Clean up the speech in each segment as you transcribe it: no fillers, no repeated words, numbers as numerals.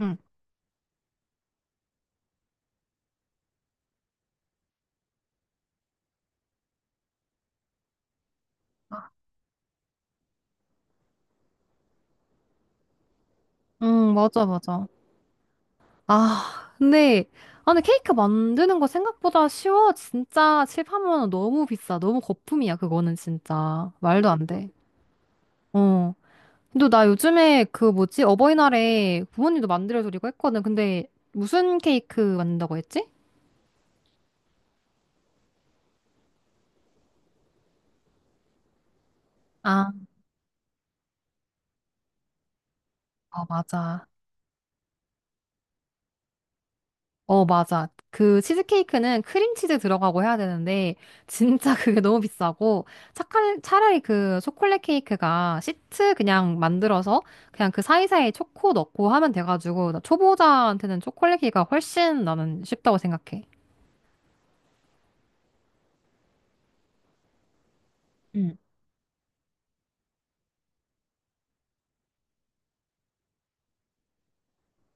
응, 응, 맞아, 맞아. 아, 근데, 아, 근데 케이크 만드는 거 생각보다 쉬워. 진짜 7, 8만 원 너무 비싸. 너무 거품이야, 그거는 진짜. 말도 안 돼. 어. 근데 나 요즘에 그 뭐지? 어버이날에 부모님도 만들어드리고 했거든. 근데 무슨 케이크 만든다고 했지? 아, 어, 맞아. 어, 맞아. 그 치즈케이크는 크림치즈 들어가고 해야 되는데, 진짜 그게 너무 비싸고, 차라리 그 초콜릿 케이크가 시트 그냥 만들어서, 그냥 그 사이사이에 초코 넣고 하면 돼가지고, 나 초보자한테는 초콜릿 케이크가 훨씬 나는 쉽다고 생각해. 응.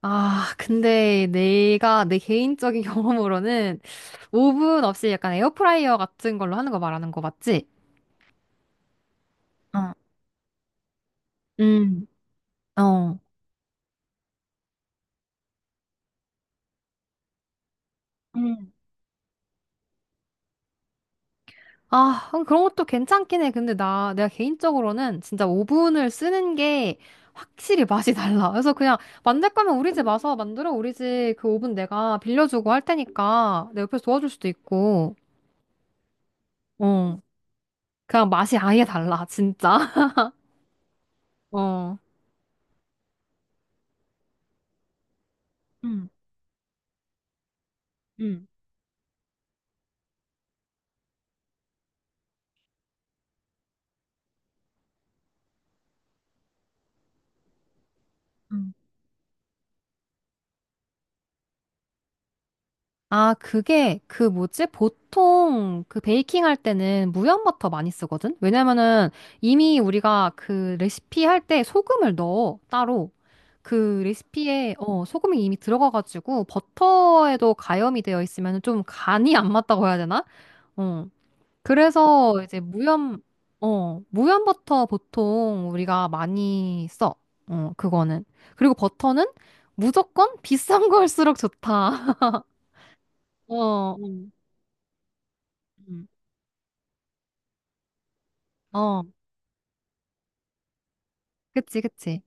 아, 근데 내 개인적인 경험으로는, 오븐 없이 약간 에어프라이어 같은 걸로 하는 거 말하는 거 맞지? 어. 음. 어. 음. 아, 그런 것도 괜찮긴 해. 근데 내가 개인적으로는 진짜 오븐을 쓰는 게 확실히 맛이 달라. 그래서 그냥 만들 거면 우리 집 와서 만들어. 우리 집 그 오븐 내가 빌려주고 할 테니까 내 옆에서 도와줄 수도 있고. 어. 그냥 맛이 아예 달라, 진짜. 어. 응, 응. 아, 그게 그 뭐지? 보통 그 베이킹 할 때는 무염버터 많이 쓰거든? 왜냐면은 이미 우리가 그 레시피 할 때 소금을 넣어, 따로. 그 레시피에 어, 소금이 이미 들어가가지고 버터에도 가염이 되어 있으면 좀 간이 안 맞다고 해야 되나? 어. 그래서 이제 어, 무염버터 보통 우리가 많이 써. 어, 그거는. 그리고 버터는 무조건 비싼 걸수록 좋다. 어. 음. 어, 그치, 그치.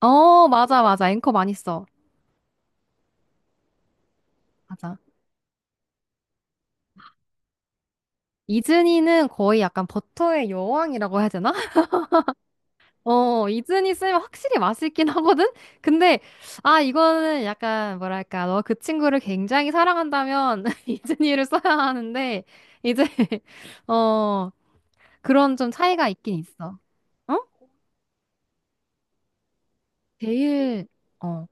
어, 맞아, 맞아. 앵커 많이 써. 맞아. 이즈니는 거의 약간 버터의 여왕이라고 해야 되나? 어, 이즈니 쓰면 확실히 맛있긴 하거든? 근데, 아, 이거는 약간, 뭐랄까, 너 그 친구를 굉장히 사랑한다면 이즈니를 써야 하는데, 이제, 어, 그런 좀 차이가 있긴 있어. 어? 제일, 어.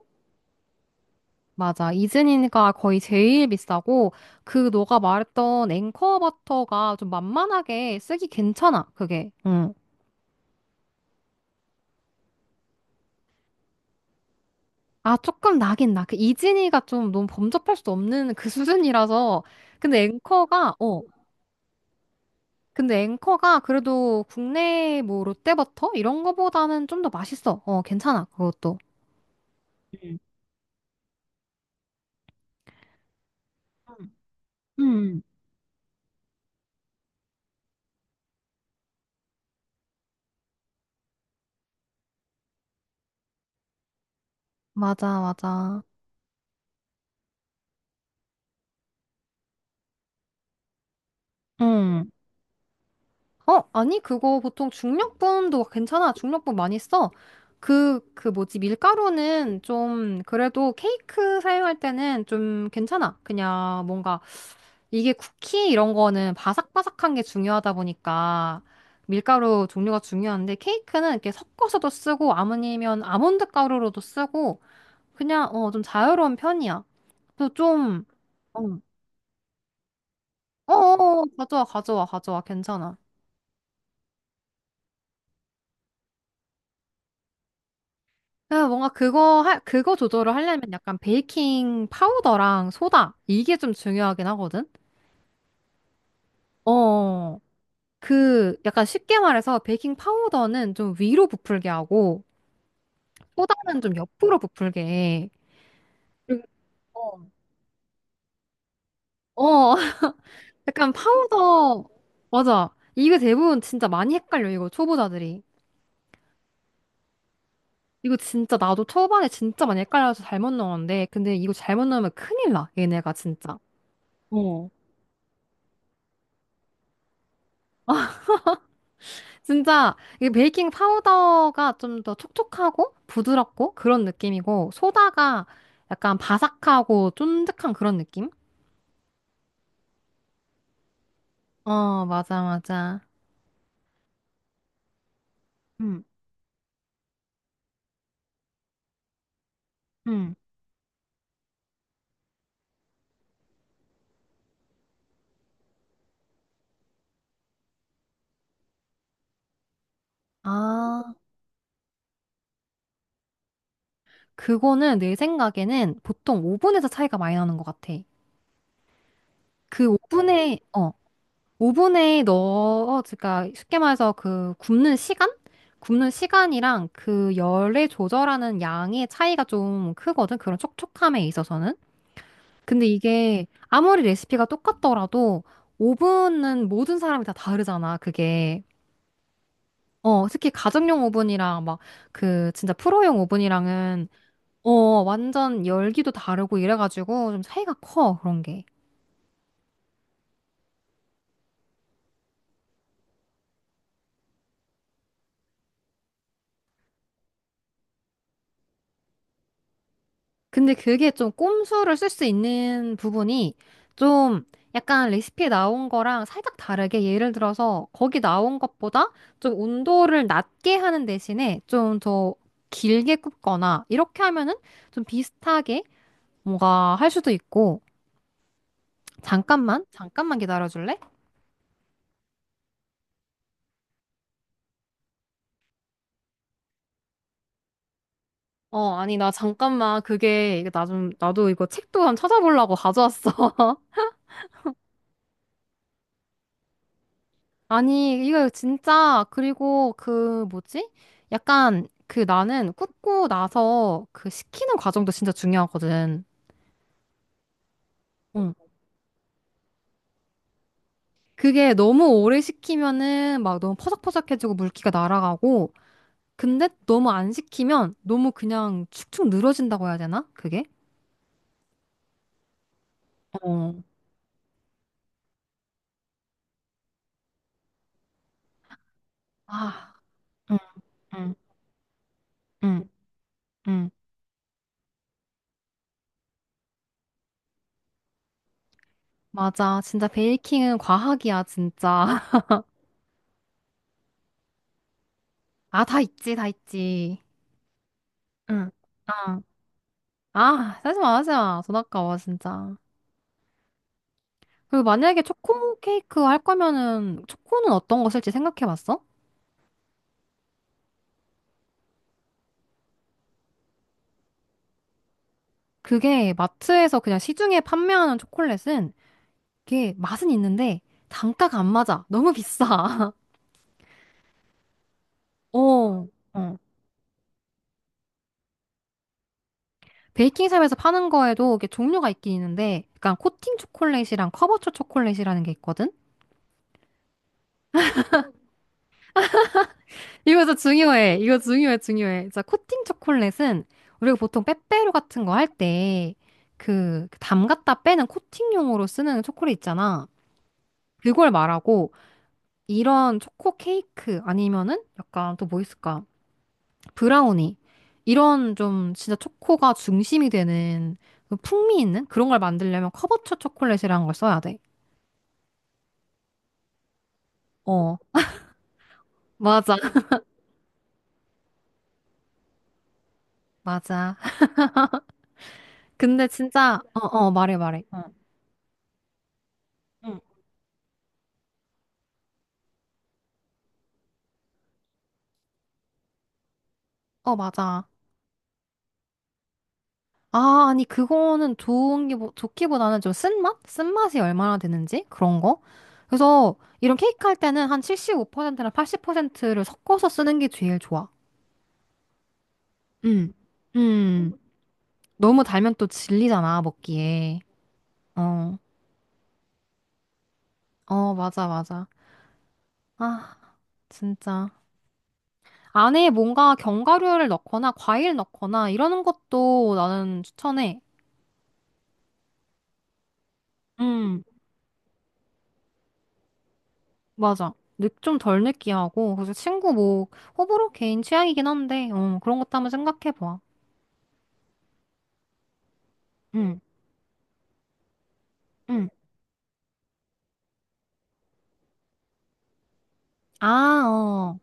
맞아. 이즈니가 거의 제일 비싸고, 그 너가 말했던 앵커 버터가 좀 만만하게 쓰기 괜찮아, 그게. 응. 아, 조금 나긴 나. 그 이즈니가 좀 너무 범접할 수 없는 그 수준이라서. 근데 앵커가, 어. 근데 앵커가 그래도 국내 뭐 롯데버터? 이런 거보다는 좀 더 맛있어. 어, 괜찮아, 그것도. 음. 음. 맞아, 맞아. 응. 어, 아니, 그거 보통 중력분도 괜찮아. 중력분 많이 써. 그 뭐지, 밀가루는 좀, 그래도 케이크 사용할 때는 좀 괜찮아. 그냥 뭔가, 이게 쿠키 이런 거는 바삭바삭한 게 중요하다 보니까, 밀가루 종류가 중요한데, 케이크는 이렇게 섞어서도 쓰고, 아니면 아몬드 가루로도 쓰고, 그냥, 어, 좀 자유로운 편이야. 그래서 좀, 어, 어어, 가져와, 가져와, 가져와. 괜찮아. 그 뭔가 그거 조절을 하려면 약간 베이킹 파우더랑 소다 이게 좀 중요하긴 하거든. 어, 그 약간 쉽게 말해서 베이킹 파우더는 좀 위로 부풀게 하고 소다는 좀 옆으로 부풀게 해. 그리고 어, 어, 약간 파우더 맞아. 이게 대부분 진짜 많이 헷갈려 이거 초보자들이. 이거 진짜 나도 초반에 진짜 많이 헷갈려서 잘못 넣었는데 근데 이거 잘못 넣으면 큰일 나 얘네가 진짜. 진짜 이 베이킹 파우더가 좀 더 촉촉하고 부드럽고 그런 느낌이고 소다가 약간 바삭하고 쫀득한 그런 느낌? 어, 맞아, 맞아. 음, 음. 아, 그거는 내 생각에는 보통 오븐에서 차이가 많이 나는 것 같아. 어, 오븐에 넣어, 그러니까 쉽게 말해서 그 굽는 시간? 굽는 시간이랑 그 열의 조절하는 양의 차이가 좀 크거든. 그런 촉촉함에 있어서는. 근데 이게 아무리 레시피가 똑같더라도 오븐은 모든 사람이 다 다르잖아, 그게. 어, 특히 가정용 오븐이랑 막 그 진짜 프로용 오븐이랑은 어, 완전 열기도 다르고 이래가지고 좀 차이가 커, 그런 게. 근데 그게 좀 꼼수를 쓸 수 있는 부분이 좀 약간 레시피에 나온 거랑 살짝 다르게 예를 들어서 거기 나온 것보다 좀 온도를 낮게 하는 대신에 좀 더 길게 굽거나 이렇게 하면은 좀 비슷하게 뭔가 할 수도 있고 잠깐만 잠깐만 기다려줄래? 어 아니 나 잠깐만 그게 나 좀 나도 이거 책도 한 찾아보려고 가져왔어. 아니, 이거 진짜, 그리고 그, 뭐지? 약간, 그 나는 굽고 나서 그 식히는 과정도 진짜 중요하거든. 응. 그게 너무 오래 식히면은 막 너무 퍼석퍼석해지고 물기가 날아가고, 근데 너무 안 식히면 너무 그냥 축축 늘어진다고 해야 되나? 그게? 어, 아, 응, 응, 응, 응. 맞아. 진짜 베이킹은 과학이야, 진짜. 아, 다 있지, 다 있지. 응. 아, 아, 하지 마, 하지 마. 돈 아까워, 진짜. 그 만약에 초코 케이크 할 거면은 초코는 어떤 거 쓸지 생각해 봤어? 그게 마트에서 그냥 시중에 판매하는 초콜릿은 이게 맛은 있는데 단가가 안 맞아. 너무 비싸. 어. 어. 베이킹샵에서 파는 거에도 이게 종류가 있긴 있는데 약간 코팅 초콜릿이랑 커버초 초콜릿이라는 게 있거든? 이거 진짜 중요해. 이거 중요해, 중요해. 진짜 코팅 초콜릿은 우리가 보통 빼빼로 같은 거 할 때그 그 담갔다 빼는 코팅용으로 쓰는 초콜릿 있잖아. 그걸 말하고 이런 초코 케이크 아니면은 약간 또 뭐 있을까? 브라우니. 이런 좀 진짜 초코가 중심이 되는 그 풍미 있는 그런 걸 만들려면 커버처 초콜릿이라는 걸 써야 돼. 어, 맞아. 맞아. 근데 진짜, 어, 어, 말해, 말해. 어, 응. 어, 맞아. 아, 아니, 그거는 좋은 게, 좋기보다는 좀 쓴맛? 쓴맛이 얼마나 되는지? 그런 거? 그래서 이런 케이크 할 때는 한 75%나 80%를 섞어서 쓰는 게 제일 좋아. 음. 음. 너무 달면 또 질리잖아, 먹기에. 어, 어, 맞아, 맞아. 아, 진짜. 안에 뭔가 견과류를 넣거나 과일 넣거나 이러는 것도 나는 추천해. 음, 맞아. 좀 덜 느끼하고. 그래서 친구 뭐, 호불호 개인 취향이긴 한데, 어, 그런 것도 한번 생각해봐. 응. 응. 아, 어.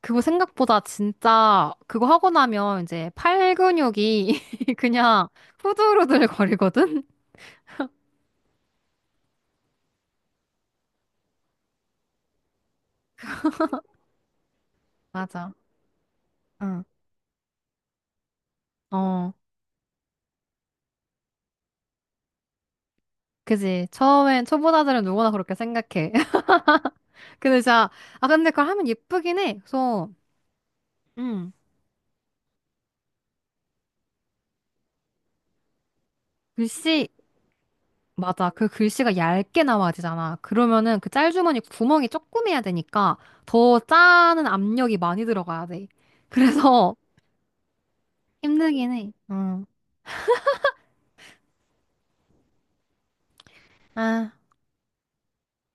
그거 생각보다 진짜, 그거 하고 나면 이제 팔 근육이 그냥 후들후들 거리거든? 맞아. 응. 어. 그지. 처음엔 초보자들은 누구나 그렇게 생각해. 근데 진짜, 아, 근데 그걸 하면 예쁘긴 해. 그래서, 음, 글씨, 맞아. 그 글씨가 얇게 나와야 되잖아. 그러면은 그 짤주머니 구멍이 조금 해야 되니까 더 짜는 압력이 많이 들어가야 돼. 그래서 힘들긴 해. 음. 아,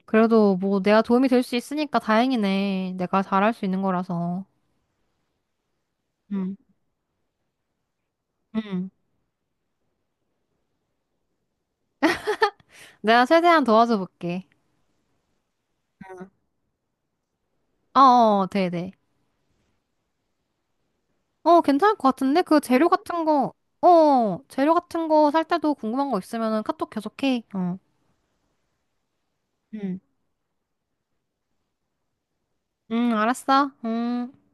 그래도 뭐 내가 도움이 될 수 있으니까 다행이네. 내가 잘할 수 있는 거라서. 응. 응. 내가 최대한 도와줘 볼게. 어어, 네네. 어, 괜찮을 것 같은데? 그 재료 같은 거, 어, 재료 같은 거 살 때도 궁금한 거 있으면은 카톡 계속해. 어. 응. 응, 알았어. 음.